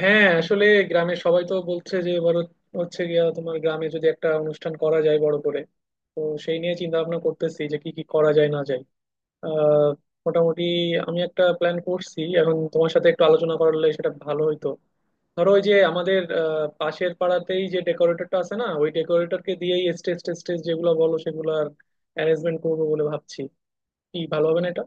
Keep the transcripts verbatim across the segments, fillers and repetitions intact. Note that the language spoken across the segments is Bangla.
হ্যাঁ, আসলে গ্রামে সবাই তো বলছে যে এবার হচ্ছে গিয়া তোমার গ্রামে যদি একটা অনুষ্ঠান করা যায় বড় করে। তো সেই নিয়ে চিন্তা ভাবনা করতেছি যে কি কি করা যায় না যায়। আহ মোটামুটি আমি একটা প্ল্যান করছি, এখন তোমার সাথে একটু আলোচনা করলে সেটা ভালো হইতো। ধরো ওই যে আমাদের আহ, পাশের পাড়াতেই যে ডেকোরেটরটা আছে না, ওই ডেকোরেটরকে দিয়েই স্টেজ টেস্টেজ যেগুলো বলো সেগুলোর অ্যারেঞ্জমেন্ট করবো বলে ভাবছি। কি, ভালো হবে না এটা?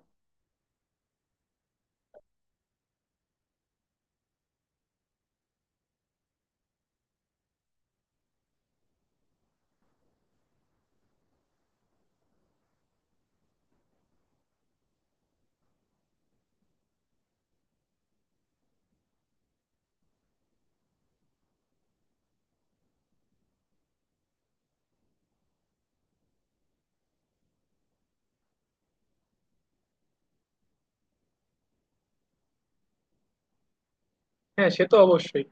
হ্যাঁ, সে তো অবশ্যই।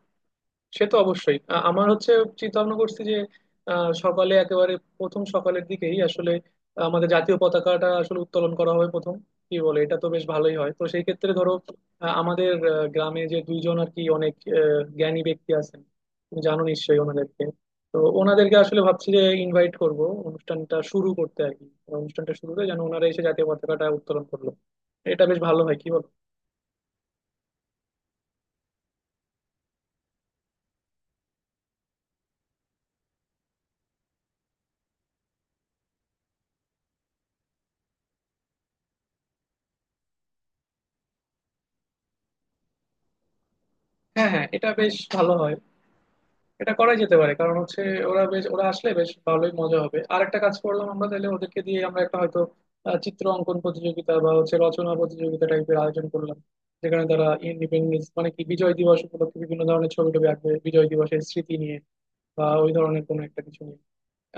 সে তো অবশ্যই। আ- আমার হচ্ছে চিন্তা ভাবনা করছি যে আ, সকালে একেবারে প্রথম সকালের দিকেই আসলে আমাদের জাতীয় পতাকাটা আসলে উত্তোলন করা হবে প্রথম। কি বলে, এটা তো বেশ ভালোই হয়। তো সেই ক্ষেত্রে ধরো আ, আমাদের আ, গ্রামে যে দুইজন আর কি অনেক আ, জ্ঞানী ব্যক্তি আছেন, তুমি জানো নিশ্চয়ই ওনাদেরকে। তো ওনাদেরকে আসলে ভাবছি যে ইনভাইট করব অনুষ্ঠানটা শুরু করতে আর কি। অনুষ্ঠানটা শুরুতে যেন ওনারা এসে জাতীয় পতাকাটা উত্তোলন করলো। এটা বেশ ভালো হয়, কি বল? হ্যাঁ, হ্যাঁ, এটা বেশ ভালো হয়। এটা করাই যেতে পারে, কারণ হচ্ছে ওরা বেশ, ওরা আসলে বেশ ভালোই মজা হবে। আর একটা কাজ করলাম আমরা তাহলে, ওদেরকে দিয়ে আমরা একটা হয়তো আহ, চিত্র অঙ্কন প্রতিযোগিতা বা হচ্ছে রচনা প্রতিযোগিতা টাইপের আয়োজন করলাম, যেখানে তারা ইন্ডিপেন্ডেন্স মানে কি বিজয় দিবস উপলক্ষে বিভিন্ন ধরনের ছবি টবি আঁকবে, বিজয় দিবসের স্মৃতি নিয়ে বা ওই ধরনের কোনো একটা কিছু নিয়ে।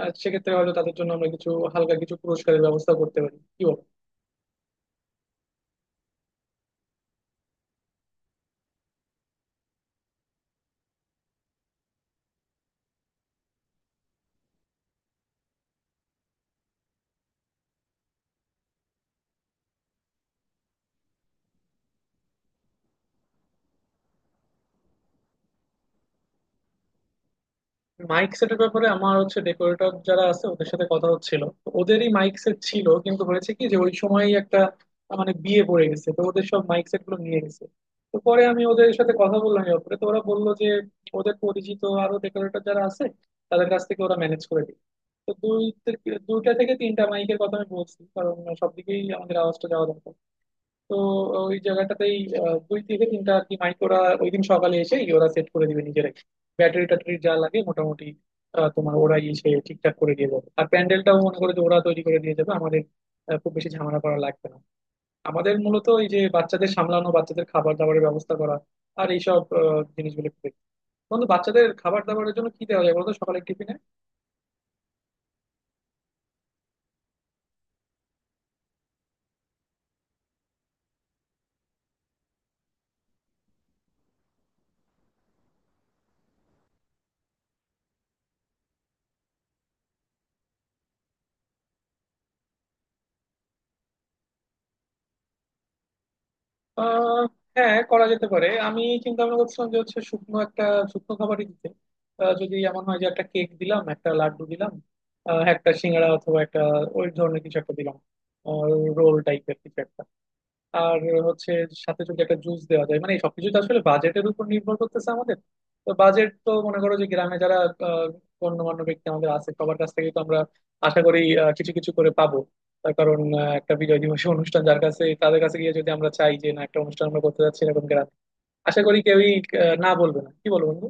আর সেক্ষেত্রে হয়তো তাদের জন্য আমরা কিছু হালকা কিছু পুরস্কারের ব্যবস্থা করতে পারি, কি বল? মাইক সেটের ব্যাপারে আমার হচ্ছে, ডেকোরেটর যারা আছে ওদের সাথে কথা হচ্ছিল, তো ওদেরই মাইক সেট ছিল, কিন্তু হয়েছে কি যে ওই সময়ই একটা আহ, মানে বিয়ে পড়ে গেছে, তো ওদের সব মাইক সেট গুলো নিয়ে গেছে। তো পরে আমি ওদের সাথে কথা বললাম এই ব্যাপারে, তো ওরা বললো যে ওদের পরিচিত আরো ডেকোরেটর যারা আছে তাদের কাছ থেকে ওরা ম্যানেজ করে দিই। তো দুই থেকে- দুইটা থেকে তিনটা মাইকের কথা আমি বলছি, কারণ সবদিকেই আমাদের আওয়াজটা যাওয়া দরকার। তো ওই জায়গাটাতেই আহ, দুই থেকে তিনটা আর কি মাইক ওরা ওই দিন সকালে এসেই ওরা সেট করে দিবে নিজেরাই। ব্যাটারি ট্যাটারি যা লাগে মোটামুটি আহ, তোমার ওরাই এসে ঠিকঠাক করে দিয়ে যাবে, আর প্যান্ডেলটাও মনে করে যে ওরা তৈরি করে দিয়ে যাবে আমাদের। আহ, খুব বেশি ঝামেলা করা লাগবে না। আমাদের মূলত এই যে বাচ্চাদের সামলানো, বাচ্চাদের খাবার দাবারের ব্যবস্থা করা, আর এইসব আহ, জিনিসগুলো একটু দেখতে। বন্ধু, বাচ্চাদের খাবার দাবারের জন্য কি দেওয়া যায় বলতো সকালের টিফিনে? আহ হ্যাঁ, করা যেতে পারে। আমি চিন্তা ভাবনা করছিলাম যে হচ্ছে শুকনো একটা, শুকনো খাবারই দিতে। আহ, যদি এমন হয় যে একটা কেক দিলাম, একটা লাড্ডু দিলাম, আহ, একটা সিঙ্গাড়া অথবা একটা ওই ধরনের কিছু একটা দিলাম, রোল টাইপের কিছু একটা। আর হচ্ছে সাথে যদি একটা জুস দেওয়া যায়, মানে এই সবকিছু তো আসলে বাজেটের উপর নির্ভর করতেছে আমাদের। তো বাজেট তো মনে করো যে গ্রামে যারা আহ, গণ্যমান্য ব্যক্তি আমাদের আছে সবার কাছ থেকে, তো আমরা আশা করি আহ, কিছু কিছু করে পাবো। তার কারণ আহ, একটা বিজয় দিবসের অনুষ্ঠান, যার কাছে, তাদের কাছে গিয়ে যদি আমরা চাই যে না একটা অনুষ্ঠান আমরা করতে যাচ্ছি এরকম গ্রামে, আশা করি কেউই আহ, না বলবে না, কি বলো বন্ধু?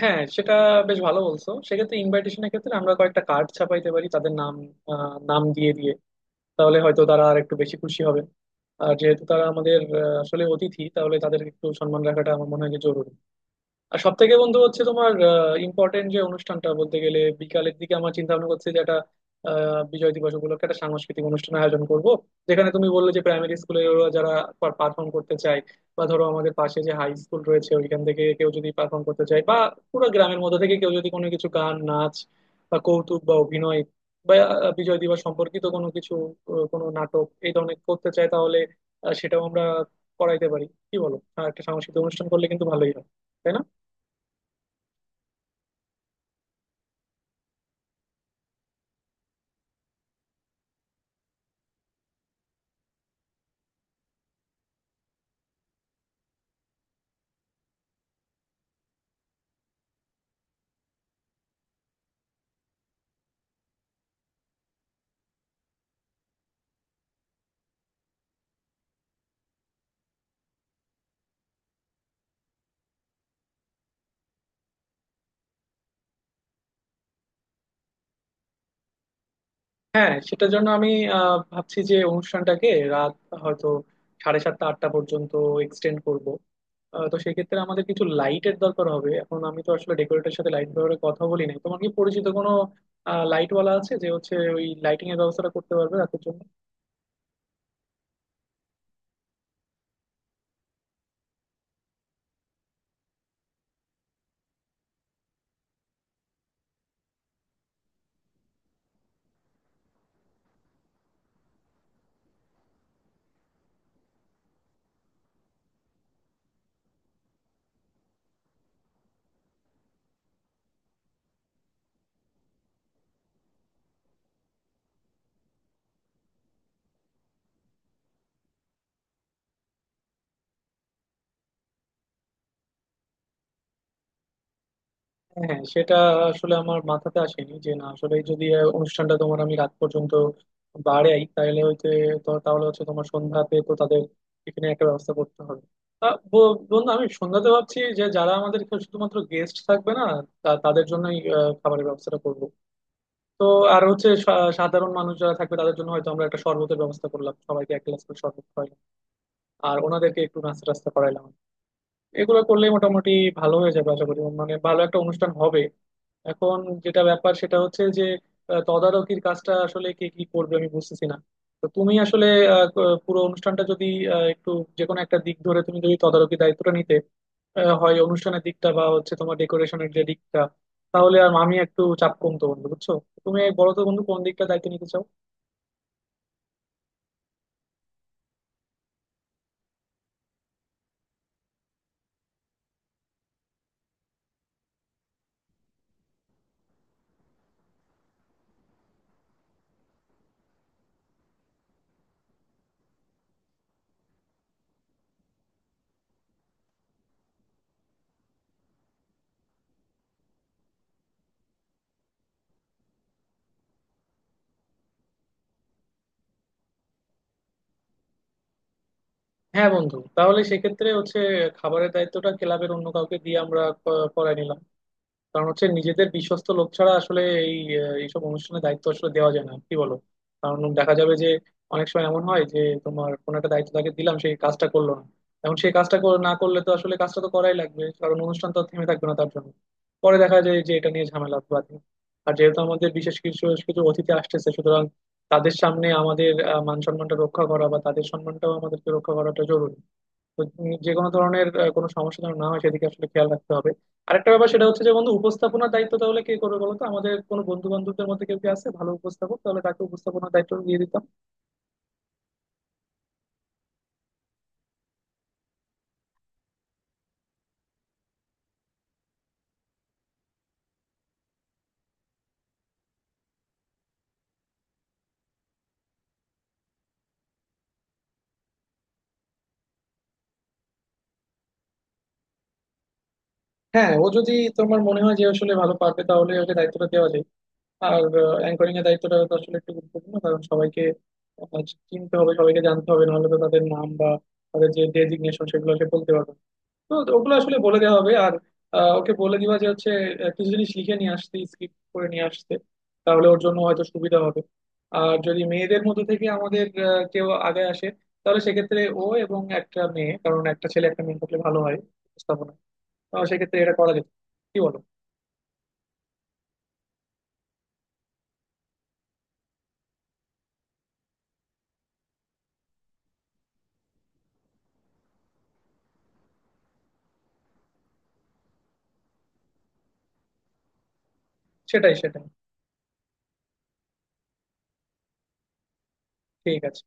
হ্যাঁ, সেটা বেশ ভালো বলছো। সেক্ষেত্রে ইনভাইটেশনের ক্ষেত্রে আমরা কয়েকটা কার্ড ছাপাইতে পারি তাদের নাম, আহ, নাম দিয়ে দিয়ে। তাহলে হয়তো তারা আর একটু বেশি খুশি হবে। আর যেহেতু তারা আমাদের আহ, আসলে অতিথি, তাহলে তাদের একটু সম্মান রাখাটা আমার মনে হয় যে জরুরি। আর সব থেকে বন্ধু হচ্ছে তোমার ইম্পর্টেন্ট যে অনুষ্ঠানটা বলতে গেলে বিকালের দিকে আমার চিন্তা ভাবনা করছে যে একটা আহ, বিজয় দিবস উপলক্ষে একটা সাংস্কৃতিক অনুষ্ঠান আয়োজন করব, যেখানে তুমি বললে যে প্রাইমারি স্কুলে ওরা যারা পারফর্ম করতে চায়, বা ধরো আমাদের পাশে যে হাই স্কুল রয়েছে ওইখান থেকে কেউ যদি পারফর্ম করতে চায়, বা পুরো গ্রামের মধ্যে থেকে কেউ যদি কোনো কিছু গান, নাচ বা কৌতুক বা অভিনয় বা আহ, বিজয় দিবস সম্পর্কিত কোনো কিছু, আহ, কোনো নাটক এই ধরনের করতে চায়, তাহলে আহ, সেটাও আমরা করাইতে পারি। কি বলো, আর একটা সাংস্কৃতিক অনুষ্ঠান করলে কিন্তু ভালোই হয়, তাই না? হ্যাঁ, সেটার জন্য আমি আহ, ভাবছি যে অনুষ্ঠানটাকে রাত হয়তো সাড়ে সাতটা আটটা পর্যন্ত এক্সটেন্ড করব। আহ, তো সেক্ষেত্রে আমাদের কিছু লাইটের দরকার হবে। এখন আমি তো আসলে ডেকোরেটের সাথে লাইট ব্যবহারে কথা বলি নাই, তোমার কি পরিচিত কোনো লাইট ওয়ালা আছে যে হচ্ছে ওই লাইটিং এর ব্যবস্থাটা করতে পারবে রাতের জন্য? হ্যাঁ, সেটা আসলে আমার মাথাতে আসেনি যে না, আসলে যদি আহ, অনুষ্ঠানটা তোমার আমি রাত পর্যন্ত বাড়াই তাহলে হয়তো, তো- তাহলে হচ্ছে তোমার সন্ধ্যাতে তো তাদের এখানে একটা ব্যবস্থা করতে হবে। তা, ব- বন্ধু, আমি সন্ধ্যাতে ভাবছি যে যারা আমাদের এখানে শুধুমাত্র গেস্ট থাকবে না, তা- তাদের জন্যই আহ, খাবারের ব্যবস্থাটা করব। তো আর হচ্ছে সা- সাধারণ মানুষ যারা থাকবে তাদের জন্য হয়তো আমরা একটা শরবতের ব্যবস্থা করলাম, সবাইকে এক গ্লাস করে শরবত খাওয়াইলাম, আর ওনাদেরকে একটু নাস্তা টাস্তা করাইলাম। এগুলো করলে মোটামুটি ভালো হয়ে যাবে আশা করি, মানে ভালো একটা অনুষ্ঠান হবে। এখন যেটা ব্যাপার সেটা হচ্ছে যে আহ, তদারকির কাজটা আসলে কে কি করবে আমি বুঝতেছি না। তো তুমি আসলে আহ, ক- পুরো অনুষ্ঠানটা যদি আহ, একটু যে কোনো একটা দিক ধরে তুমি যদি তদারকি দায়িত্বটা নিতে, আহ, হয় অনুষ্ঠানের দিকটা বা হচ্ছে তোমার ডেকোরেশনের যে দিকটা, তাহলে আর আমি একটু চাপ কমতো বন্ধু, বুঝছো? তুমি বলো তো বন্ধু, কোন দিকটা দায়িত্ব নিতে চাও? হ্যাঁ বন্ধু, তাহলে সেক্ষেত্রে হচ্ছে খাবারের দায়িত্বটা ক্লাবের অন্য কাউকে দিয়ে আমরা ক- করায় নিলাম। কারণ হচ্ছে নিজেদের বিশ্বস্ত লোক ছাড়া আসলে এই আহ, এইসব অনুষ্ঠানে দায়িত্ব আসলে দেওয়া যায় না, কি বলো? কারণ দেখা যাবে যে অনেক সময় এমন হয় যে তোমার কোনো একটা দায়িত্ব তাকে দিলাম, সেই কাজটা করলো না। এখন সেই কাজটা কর- না করলে তো আসলে কাজটা তো করাই লাগবে, কারণ অনুষ্ঠান তো আর থেমে থাকবে না তার জন্য। পরে দেখা যায় যে এটা নিয়ে ঝামেলা বাধে। আর যেহেতু আমাদের বিশেষ কিছু, কিছু অতিথি আসতেছে, সুতরাং তাদের সামনে আমাদের আহ, মান সম্মানটা রক্ষা করা বা তাদের সম্মানটাও আমাদেরকে রক্ষা করাটা জরুরি। তো যে কোনো ধরনের আহ, কোনো সমস্যা যেন না হয় সেদিকে আসলে খেয়াল রাখতে হবে। আরেকটা ব্যাপার, সেটা হচ্ছে যে বন্ধু, উপস্থাপনার দায়িত্ব তাহলে কে করবে বলো তো? আমাদের কোনো বন্ধু বান্ধবদের মধ্যে কেউ কি আছে ভালো উপস্থাপক, তাহলে তাকে উপস্থাপনার দায়িত্ব দিয়ে দিতাম। হ্যাঁ, ও যদি তোমার মনে হয় যে আসলে ভালো পারবে, তাহলে ওকে দায়িত্বটা দেওয়া যায়। আর অ্যাঙ্করিং এর দায়িত্বটা তো আসলে একটু গুরুত্বপূর্ণ, কারণ সবাইকে আহ, চিনতে হবে, সবাইকে জানতে হবে, নাহলে তো তাদের নাম বা তাদের যে ডেজিগনেশন সেগুলো সে বলতে পারবে না। তো ওগুলো আসলে বলে দেওয়া হবে। আর আহ, ওকে বলে দিবা যে হচ্ছে আহ, কিছু জিনিস লিখে নিয়ে আসতে, স্ক্রিপ্ট করে নিয়ে আসতে, তাহলে ওর জন্য হয়তো সুবিধা হবে। আর যদি মেয়েদের মধ্যে থেকে আমাদের আহ, কেউ আগে আসে, তাহলে সেক্ষেত্রে ও এবং একটা মেয়ে, কারণ একটা ছেলে একটা মেয়ে থাকলে ভালো হয় উপস্থাপনা, তো সেক্ষেত্রে এটা করা যেত, কি বলো? সেটাই, সেটাই। ঠিক আছে।